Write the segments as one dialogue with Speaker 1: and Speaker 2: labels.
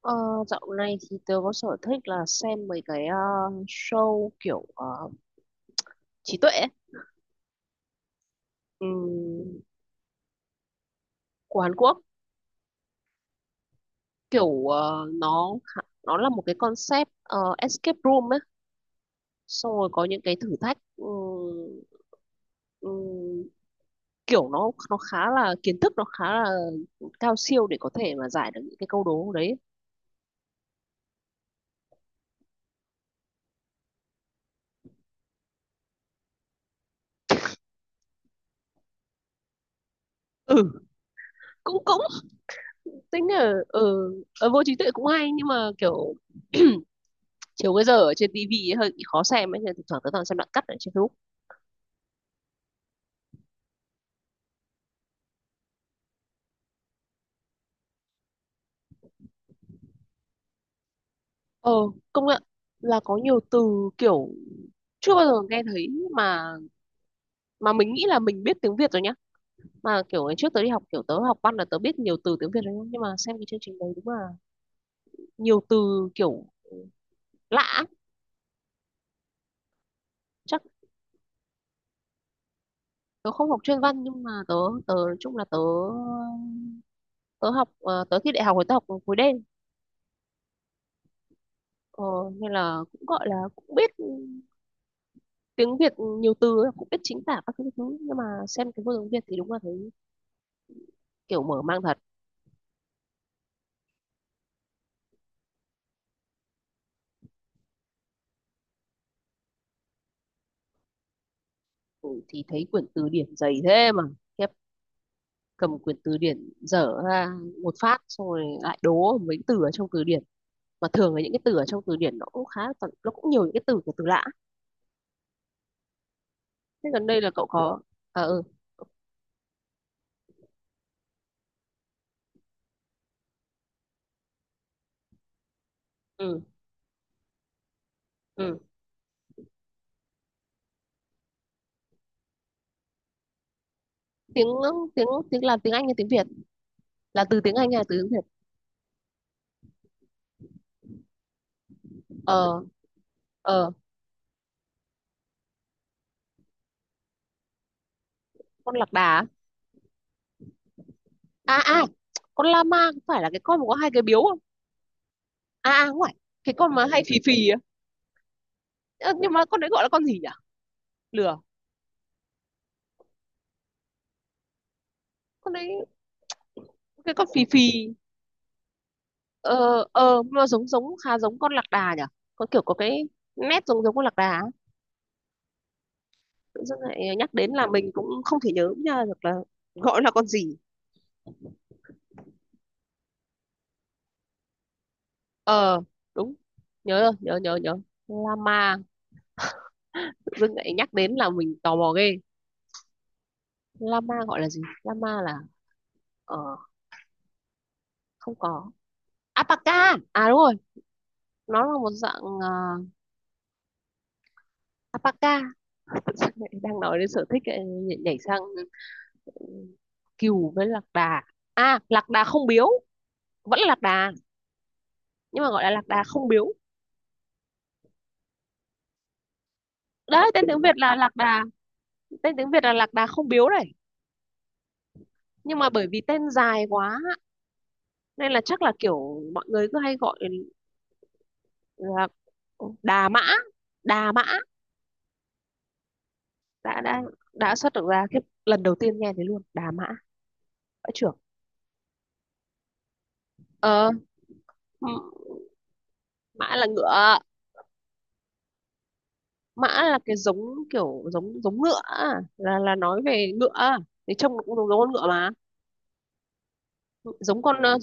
Speaker 1: Ờ, Dạo này thì tớ có sở thích là xem mấy cái show kiểu trí tuệ ấy, ừm, của Hàn Quốc. Kiểu nó nó là một cái concept escape room ấy, xong rồi có những cái thử thách. Ừm, Kiểu nó khá là kiến thức, nó khá là cao siêu để có thể mà giải được những cái câu đố đấy. Ừ, cũng cũng tính là ừ. Vô trí tuệ cũng hay nhưng mà kiểu chiều cái giờ ở trên tivi ấy hơi bị khó xem ấy, nên thỉnh thoảng tớ toàn xem đoạn cắt ở trên Facebook. Ờ, công nhận là có nhiều từ kiểu chưa bao giờ nghe thấy, mà mà mình nghĩ là mình biết tiếng Việt rồi nhá. Mà kiểu ngày trước tớ đi học, kiểu tớ học văn là tớ biết nhiều từ tiếng Việt rồi nhá, nhưng mà xem cái chương trình đấy đúng là nhiều từ kiểu lạ ấy. Chắc tớ không học chuyên văn nhưng mà tớ tớ nói chung là tớ tớ học tớ thi đại học rồi tớ học khối đen. ờ, Nên là cũng gọi là cũng biết tiếng Việt nhiều từ ấy, cũng biết chính tả các thứ. Nhưng mà xem cái vô tiếng Việt thì đúng là thấy kiểu mở mang thật. Ừ, thì thấy quyển từ điển dày thế mà khiếp, cầm quyển từ điển dở ra một phát xong rồi lại đố mấy từ ở trong từ điển, mà thường là những cái từ ở trong từ điển nó cũng khá là nó cũng nhiều những cái từ của từ lạ. Thế gần đây là cậu có. À ừ. ừ ừ tiếng tiếng Tiếng là tiếng Anh hay tiếng Việt? Là từ tiếng Anh hay là từ tiếng Việt? Ờ ờ, con lạc đà á? À à, con lama có phải là cái con mà có hai cái biếu không? À à, không phải, cái con mà hay phì phì á. Ơ, nhưng mà con đấy gọi là con gì nhỉ? Lừa. Con đấy, cái con phì phì. Ờ ờ, nó giống giống khá giống con lạc đà nhỉ, có kiểu có cái nét giống giống con lạc đà á. Tự dưng lại nhắc đến là mình cũng không thể nhớ nha được là gọi là con gì. Ờ đúng, nhớ rồi, nhớ nhớ nhớ. Lama. Tự dưng lại nhắc đến là mình tò mò ghê. Lama gọi là gì? Lama là ờ, không có. Alpaca, à đúng rồi. Nó là một dạng alpaca. Đang nói đến sở thích lại nhảy sang ừ, cừu với lạc đà. À lạc đà không biếu, vẫn là lạc đà, nhưng mà gọi là lạc đà không biếu đấy. Tên tiếng Việt là lạc đà, tên tiếng Việt là lạc đà không biếu đấy, nhưng mà bởi vì tên dài quá nên là chắc là kiểu mọi người cứ hay gọi là đà mã, đà mã. Đã đã đã xuất được ra cái lần đầu tiên nghe thấy luôn đà mã. Mã trưởng. Ờ ừ, mã là ngựa. Mã là cái giống kiểu giống giống ngựa á, là nói về ngựa á. Thì trông nó cũng giống, giống con ngựa mà. Giống con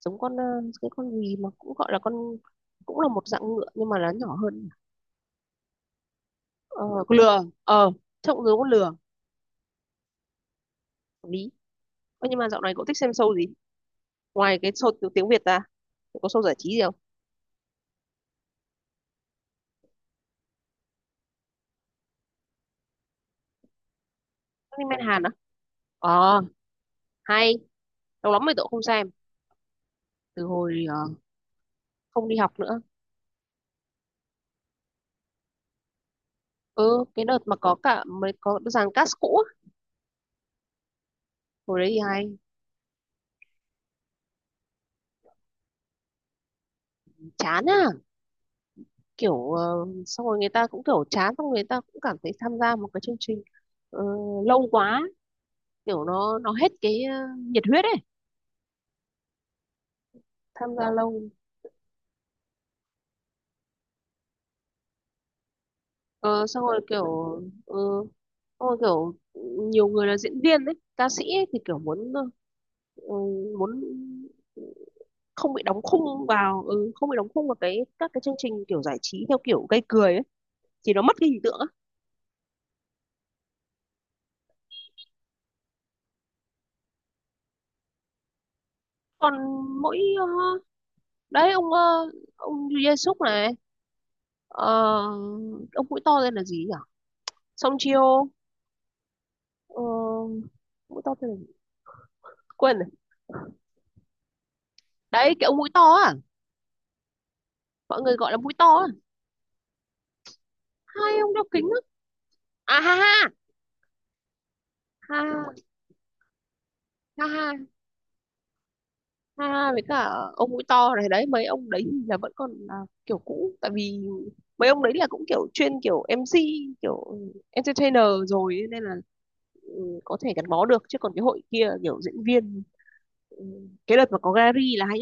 Speaker 1: giống con cái con gì mà cũng gọi là con, cũng là một dạng ngựa nhưng mà là nhỏ hơn. Ờ, con lừa, ờ, trông giống con lừa. Hợp lý. Ơ, nhưng mà dạo này cậu thích xem show gì ngoài cái show tiếng tiếng Việt ra? Cậu có show giải trí gì không? Anime Hàn á? Ờ hay. Lâu lắm rồi cậu không xem, từ hồi không đi học nữa. Ừ, cái đợt mà có cả mới có dàn cast cũ á, hồi đấy thì hay. Chán à? Kiểu xong rồi người ta cũng kiểu chán, xong người ta cũng cảm thấy tham gia một cái chương trình ờ, lâu quá, kiểu nó hết cái nhiệt huyết ấy. Tham gia lâu. Ờ, xong rồi kiểu ờ, xong rồi kiểu nhiều người là diễn viên ấy, ca sĩ ấy, thì kiểu muốn ừ, muốn không bị đóng khung vào ừ, không bị đóng khung vào cái các cái chương trình kiểu giải trí theo kiểu gây cười ấy, thì nó mất cái hình tượng á. Còn mỗi đấy ông ông Jesus này. Ờ, ông mũi to tên là gì nhỉ? Song Chiêu. Ờ, mũi to tên là gì? Quên rồi. Đấy, cái ông mũi to à? Mọi người gọi là mũi to à? Hai ông đeo kính á. À ha ha. Ha ha ha. Ha với cả ông mũi to này đấy, mấy ông đấy thì là vẫn còn là kiểu cũ, tại vì mấy ông đấy là cũng kiểu chuyên kiểu MC, kiểu entertainer rồi ấy, nên là ừ, có thể gắn bó được chứ còn cái hội kia kiểu diễn viên. Ừ, cái đợt mà có Gary là hay.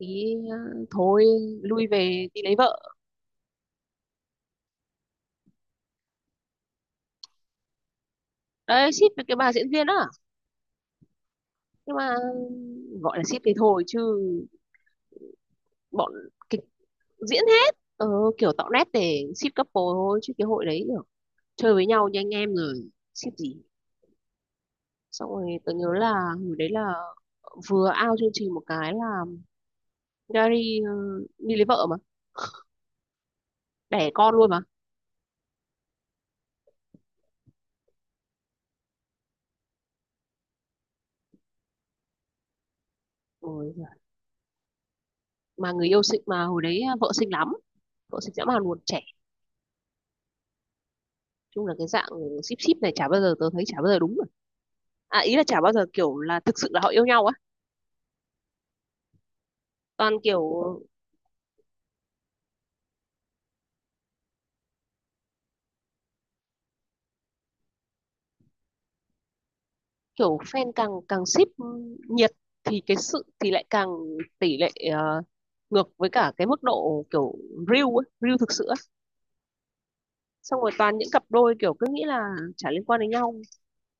Speaker 1: Thì thôi lui về đi lấy vợ. Đấy ship với cái bà diễn viên á, nhưng mà gọi là ship thì thôi chứ, bọn kịch diễn hết. Ờ, Kiểu tạo nét để ship couple thôi chứ cái hội đấy kiểu chơi với nhau như anh em rồi, ship gì. Xong rồi tôi nhớ là hồi đấy là vừa out chương trình một cái là Gary đi lấy vợ mà, đẻ con luôn mà. Ôi giời. Mà người yêu xinh mà, hồi đấy vợ xinh lắm, vợ xinh dã man luôn, trẻ. Chung là cái dạng ship ship này chả bao giờ tôi thấy chả bao giờ đúng, à ý là chả bao giờ kiểu là thực sự là họ yêu nhau á. Toàn kiểu kiểu fan càng càng ship nhiệt thì cái sự thì lại càng tỷ lệ ngược với cả cái mức độ kiểu real ấy, real thực sự á. Xong rồi toàn những cặp đôi kiểu cứ nghĩ là chả liên quan đến nhau,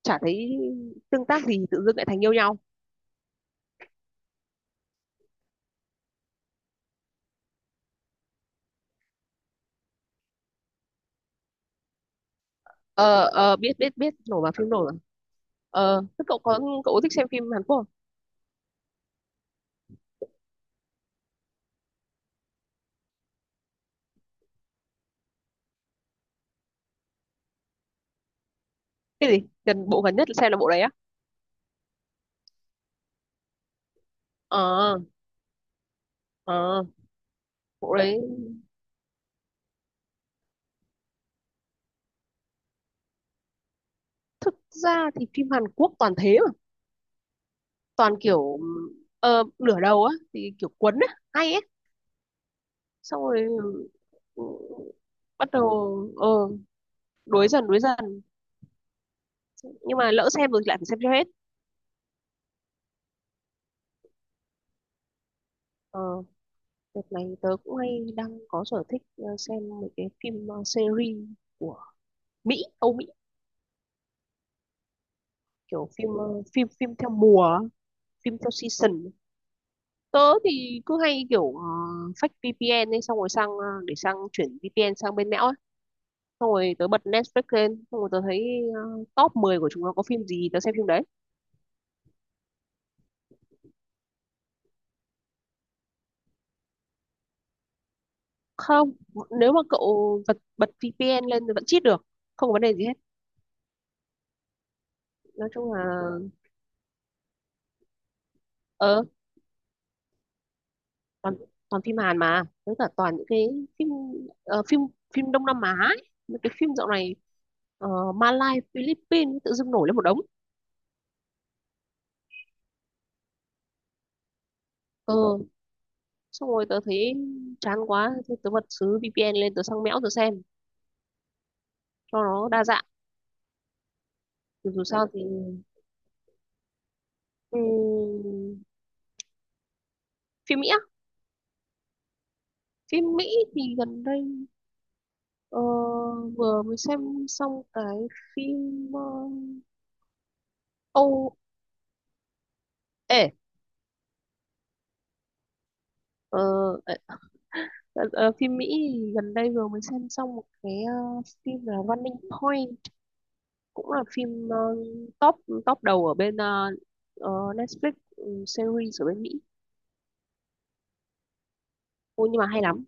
Speaker 1: chả thấy tương tác gì, tự dưng lại thành yêu nhau. Ờ ờ, biết biết biết, nổ vào phim nổ rồi. Ờ thế cậu có, cậu có thích xem phim Hàn Quốc không? Cái gì, gần bộ gần nhất xem là bộ đấy á? Ờ ờ, bộ đấy thực ra thì phim Hàn Quốc toàn thế, toàn kiểu nửa đầu á thì kiểu quấn á hay ấy, xong rồi ừ, bắt đầu ờ đuối dần đuối dần, nhưng mà lỡ xem rồi thì lại phải xem cho hết. Ờ, đợt này tớ cũng hay đang có sở thích xem mấy cái phim series của Mỹ, Âu Mỹ. Kiểu phim phim phim theo mùa á, phim theo season. Tớ thì cứ hay kiểu fake VPN ấy, xong rồi sang để sang chuyển VPN sang bên Mẽo, xong rồi tớ bật Netflix lên, xong rồi tớ thấy top 10 của chúng nó có phim gì tớ xem phim đấy. Không, nếu mà cậu bật bật VPN lên thì vẫn cheat được, không có vấn đề gì hết. Nói chung là ờ toàn toàn phim Hàn, mà với cả toàn những cái phim phim phim Đông Nam Á ấy. Mấy cái phim dạo này Malai Philippines tự dưng nổi lên một đống. Ờ, xong rồi tớ thấy chán quá thì tớ bật xứ VPN lên, tớ sang mẽo, tớ xem cho nó đa dạng. Dù sao thì ừm, phim Mỹ. Phim Mỹ thì gần đây ờ, vừa mới xem xong cái phim Âu ê ờ, ờ, phim Mỹ thì gần đây vừa mới xem xong một cái phim là Running Point, cũng là phim top top đầu ở bên ờ, Netflix, ừ, series ở bên Mỹ. Ôi, nhưng mà hay lắm.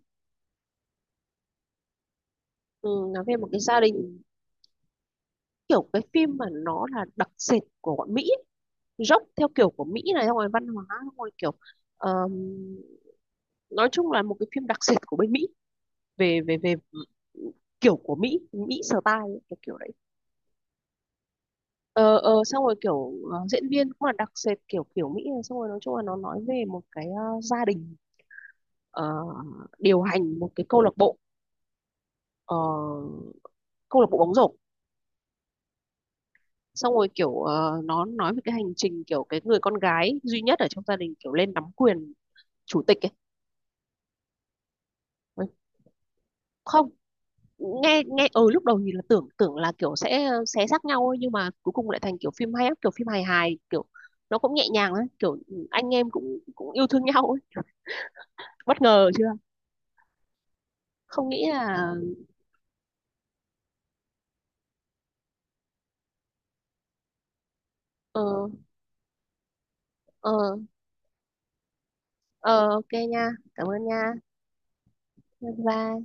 Speaker 1: Ừ, nói về một cái gia đình. Kiểu cái phim mà nó là đặc sệt của bọn Mỹ ấy, dốc theo kiểu của Mỹ này, xong rồi văn hóa, xong rồi kiểu ờm, nói chung là một cái phim đặc sệt của bên Mỹ về về về kiểu của Mỹ, Mỹ style ấy, cái kiểu đấy. Ờ, Xong rồi kiểu diễn viên cũng là đặc sệt kiểu kiểu Mỹ này, xong rồi nói chung là nó nói về một cái gia đình ờ, điều hành một cái câu lạc bộ ờ, câu lạc bộ bóng rổ, xong rồi kiểu nó nói về cái hành trình kiểu cái người con gái duy nhất ở trong gia đình kiểu lên nắm quyền chủ tịch ấy. Không, nghe nghe ừ lúc đầu thì là tưởng tưởng là kiểu sẽ xé xác nhau ấy, nhưng mà cuối cùng lại thành kiểu phim hay lắm, kiểu phim hài hài kiểu nó cũng nhẹ nhàng ấy, kiểu anh em cũng cũng yêu thương nhau ấy. Kiểu bất ngờ chưa? Không nghĩ là. ờ ờ ờ ok nha, cảm ơn nha. Bye bye.